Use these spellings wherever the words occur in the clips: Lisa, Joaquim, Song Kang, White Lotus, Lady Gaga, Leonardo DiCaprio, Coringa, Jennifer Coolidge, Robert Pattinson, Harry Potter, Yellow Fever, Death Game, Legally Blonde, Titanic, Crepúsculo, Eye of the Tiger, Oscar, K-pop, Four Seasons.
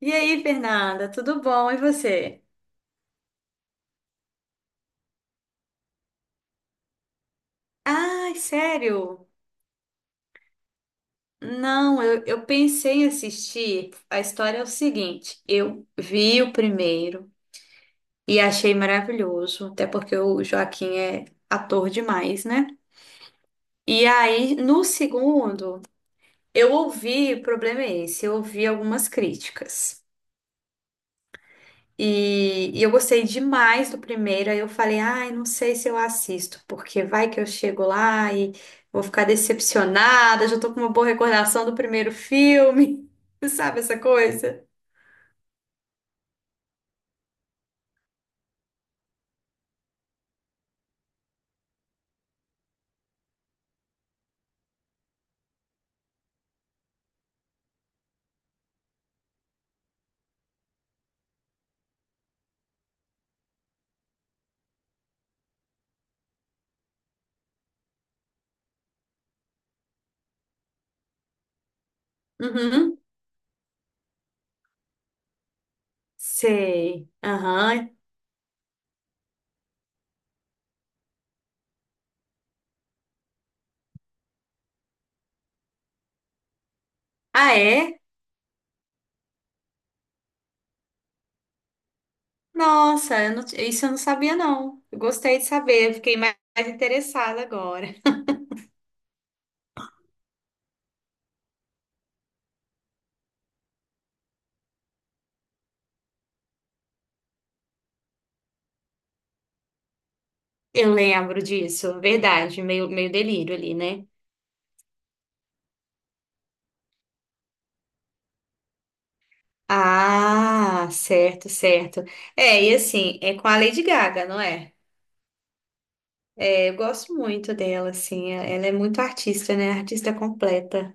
E aí, Fernanda, tudo bom? E você? Ai, sério? Não, eu pensei em assistir. A história é o seguinte: eu vi o primeiro e achei maravilhoso, até porque o Joaquim é ator demais, né? E aí, no segundo, eu ouvi, o problema é esse, eu ouvi algumas críticas. E eu gostei demais do primeiro, aí eu falei, ai, não sei se eu assisto, porque vai que eu chego lá e vou ficar decepcionada, já tô com uma boa recordação do primeiro filme, sabe essa coisa? Uhum, sei, aham. Ah, é? Nossa, eu não- isso eu não sabia não, eu gostei de saber, eu fiquei mais interessada agora. Eu lembro disso, verdade, meio delírio ali, né? Ah, certo, certo. É, e assim, é com a Lady Gaga, não é? É, eu gosto muito dela, assim, é- ela é muito artista, né? Artista completa.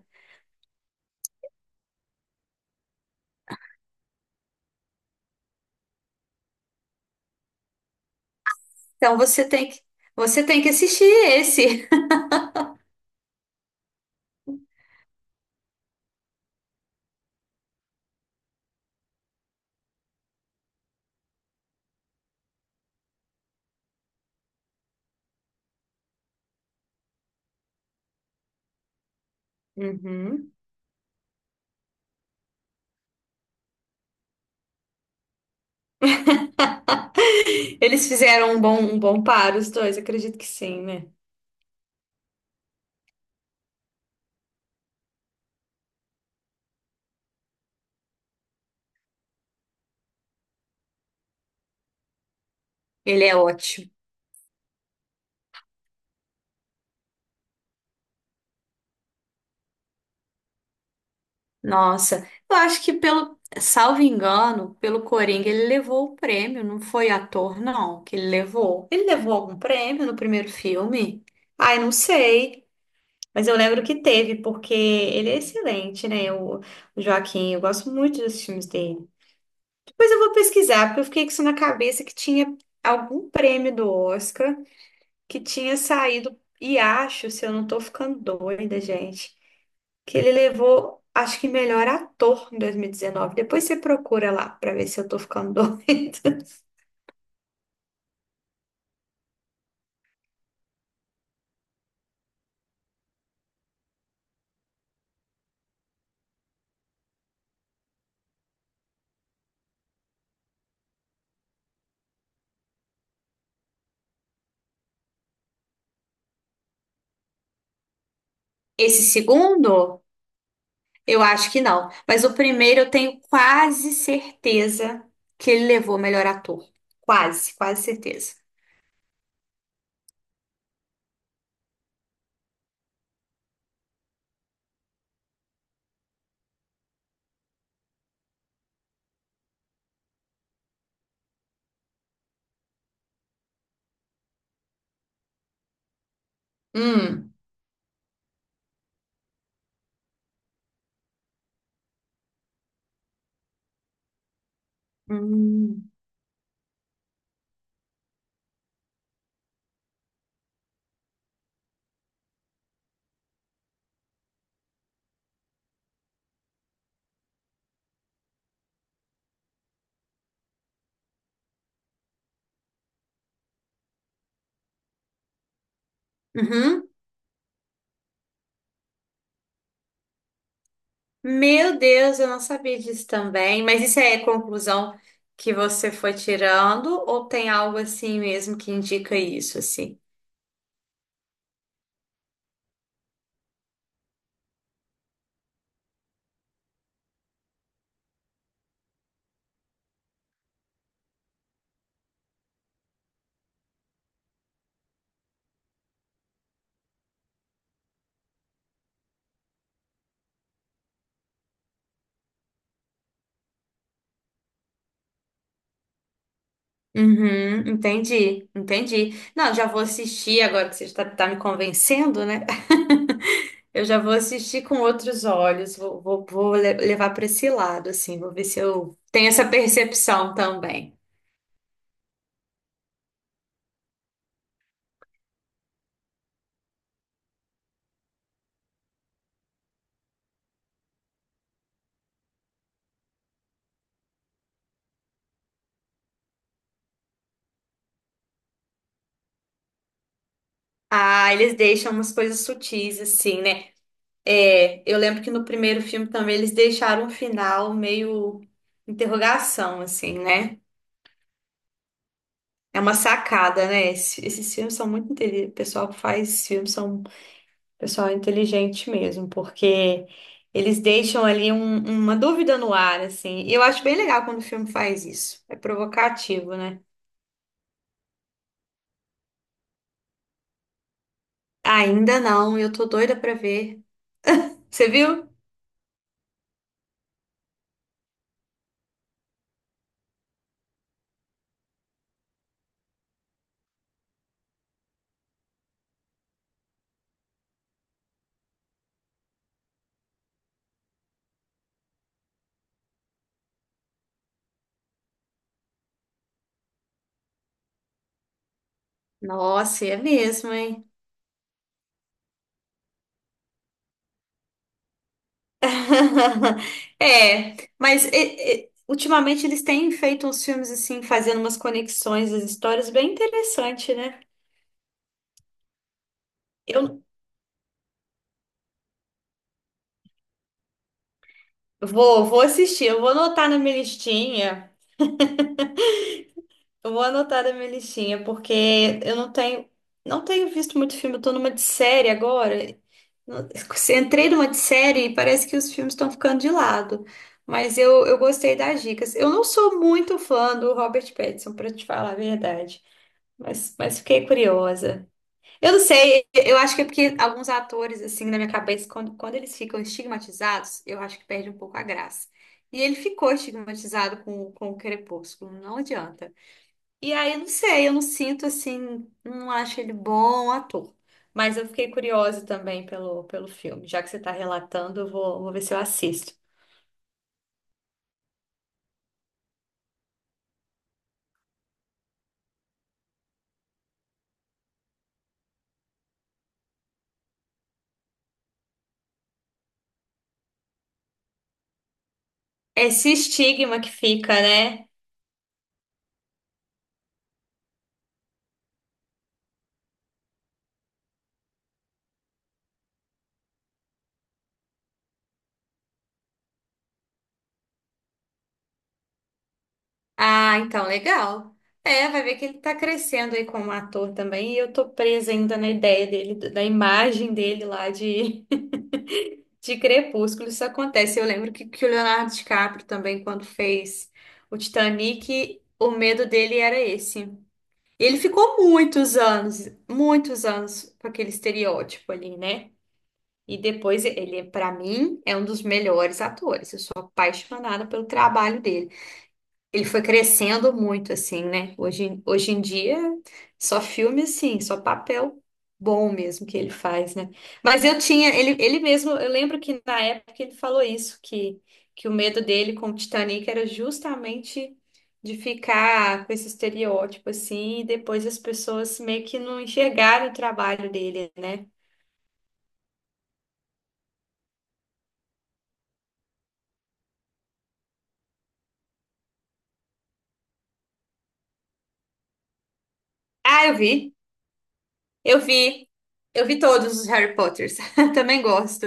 Então você tem que, Você tem que assistir esse. Uhum. Eles fizeram um bom par, os dois, acredito que sim, né? Ele é ótimo. Nossa, eu acho que pelo, salvo engano, pelo Coringa ele levou o prêmio, não foi ator, não, que ele levou. Ele levou algum prêmio no primeiro filme? Ai, não sei, mas eu lembro que teve, porque ele é excelente, né? O Joaquim, eu gosto muito dos filmes dele. Depois eu vou pesquisar, porque eu fiquei com isso na cabeça que tinha algum prêmio do Oscar que tinha saído, e acho, se eu não tô ficando doida, gente, que ele levou, acho que melhor ator em 2019. Depois você procura lá pra ver se eu tô ficando doida. Esse segundo, eu acho que não. Mas o primeiro eu tenho quase certeza que ele levou o melhor ator. Quase, quase certeza. Hum. Hum. Uhum. Meu Deus, eu não sabia disso também. Mas isso é conclusão que você foi tirando ou tem algo assim mesmo que indica isso, assim? Uhum, entendi, entendi. Não, já vou assistir agora que você está tá me convencendo, né? Eu já vou assistir com outros olhos, vou, vou, vou le- levar para esse lado, assim, vou ver se eu tenho essa percepção também. Ah, eles deixam umas coisas sutis, assim, né? É, eu lembro que no primeiro filme também eles deixaram um final meio interrogação, assim, né? É uma sacada, né? Esse- Esses, filmes são muito inteligentes. O pessoal que faz filmes são pessoal inteligente mesmo, porque eles deixam ali um- uma dúvida no ar, assim. E eu acho bem legal quando o filme faz isso. É provocativo, né? Ainda não, eu tô doida pra ver. Você viu? Nossa, é mesmo, hein? É, mas ultimamente eles têm feito uns filmes assim, fazendo umas conexões das histórias bem interessante, né? Eu vou, vou assistir, eu vou anotar na minha listinha. Eu vou anotar da minha listinha, porque eu não tenho, não tenho visto muito filme, eu tô numa de série agora. Não- Entrei numa de série e parece que os filmes estão ficando de lado. Mas eu gostei das dicas. Eu não sou muito fã do Robert Pattinson, pra te falar a verdade. Mas fiquei curiosa. Eu não sei, eu acho que é porque alguns atores, assim, na minha cabeça, quando eles ficam estigmatizados, eu acho que perde um pouco a graça. E ele ficou estigmatizado com o Crepúsculo, não adianta. E aí, não sei, eu não sinto assim, não acho ele bom ator. Mas eu fiquei curiosa também pelo filme. Já que você está relatando, eu vou, vou ver se eu assisto. Esse estigma que fica, né? Ah, então, legal. É, vai ver que ele tá crescendo aí como ator também. E eu tô presa ainda na ideia dele, da imagem dele lá de, de Crepúsculo. Isso acontece. Eu lembro que o Leonardo DiCaprio também, quando fez o Titanic, o medo dele era esse. Ele ficou muitos anos com aquele estereótipo ali, né? E depois ele, pra mim, é um dos melhores atores. Eu sou apaixonada pelo trabalho dele. Ele foi crescendo muito, assim, né? Hoje, hoje em dia, só filme, assim, só papel bom mesmo que ele faz, né? Mas eu tinha, ele mesmo, eu lembro que na época ele falou isso, que o medo dele com o Titanic era justamente de ficar com esse estereótipo, assim, e depois as pessoas meio que não enxergaram o trabalho dele, né? Ah, eu vi, eu vi todos os Harry Potters, também gosto.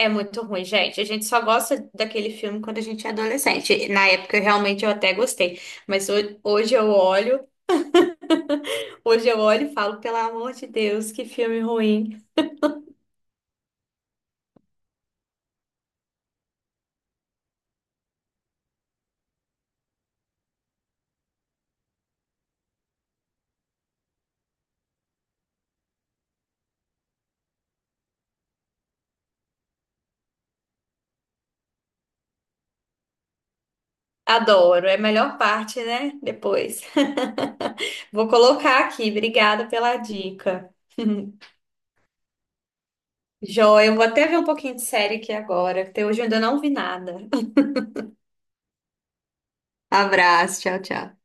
É muito ruim, gente. A gente só gosta daquele filme quando a gente é adolescente. Na época, eu realmente, eu até gostei. Mas ho- hoje eu olho, hoje eu olho e falo, pelo amor de Deus, que filme ruim. Adoro. É a melhor parte, né? Depois. Vou colocar aqui. Obrigada pela dica. Joia, eu vou até ver um pouquinho de série aqui agora. Até hoje eu ainda não vi nada. Abraço, tchau, tchau.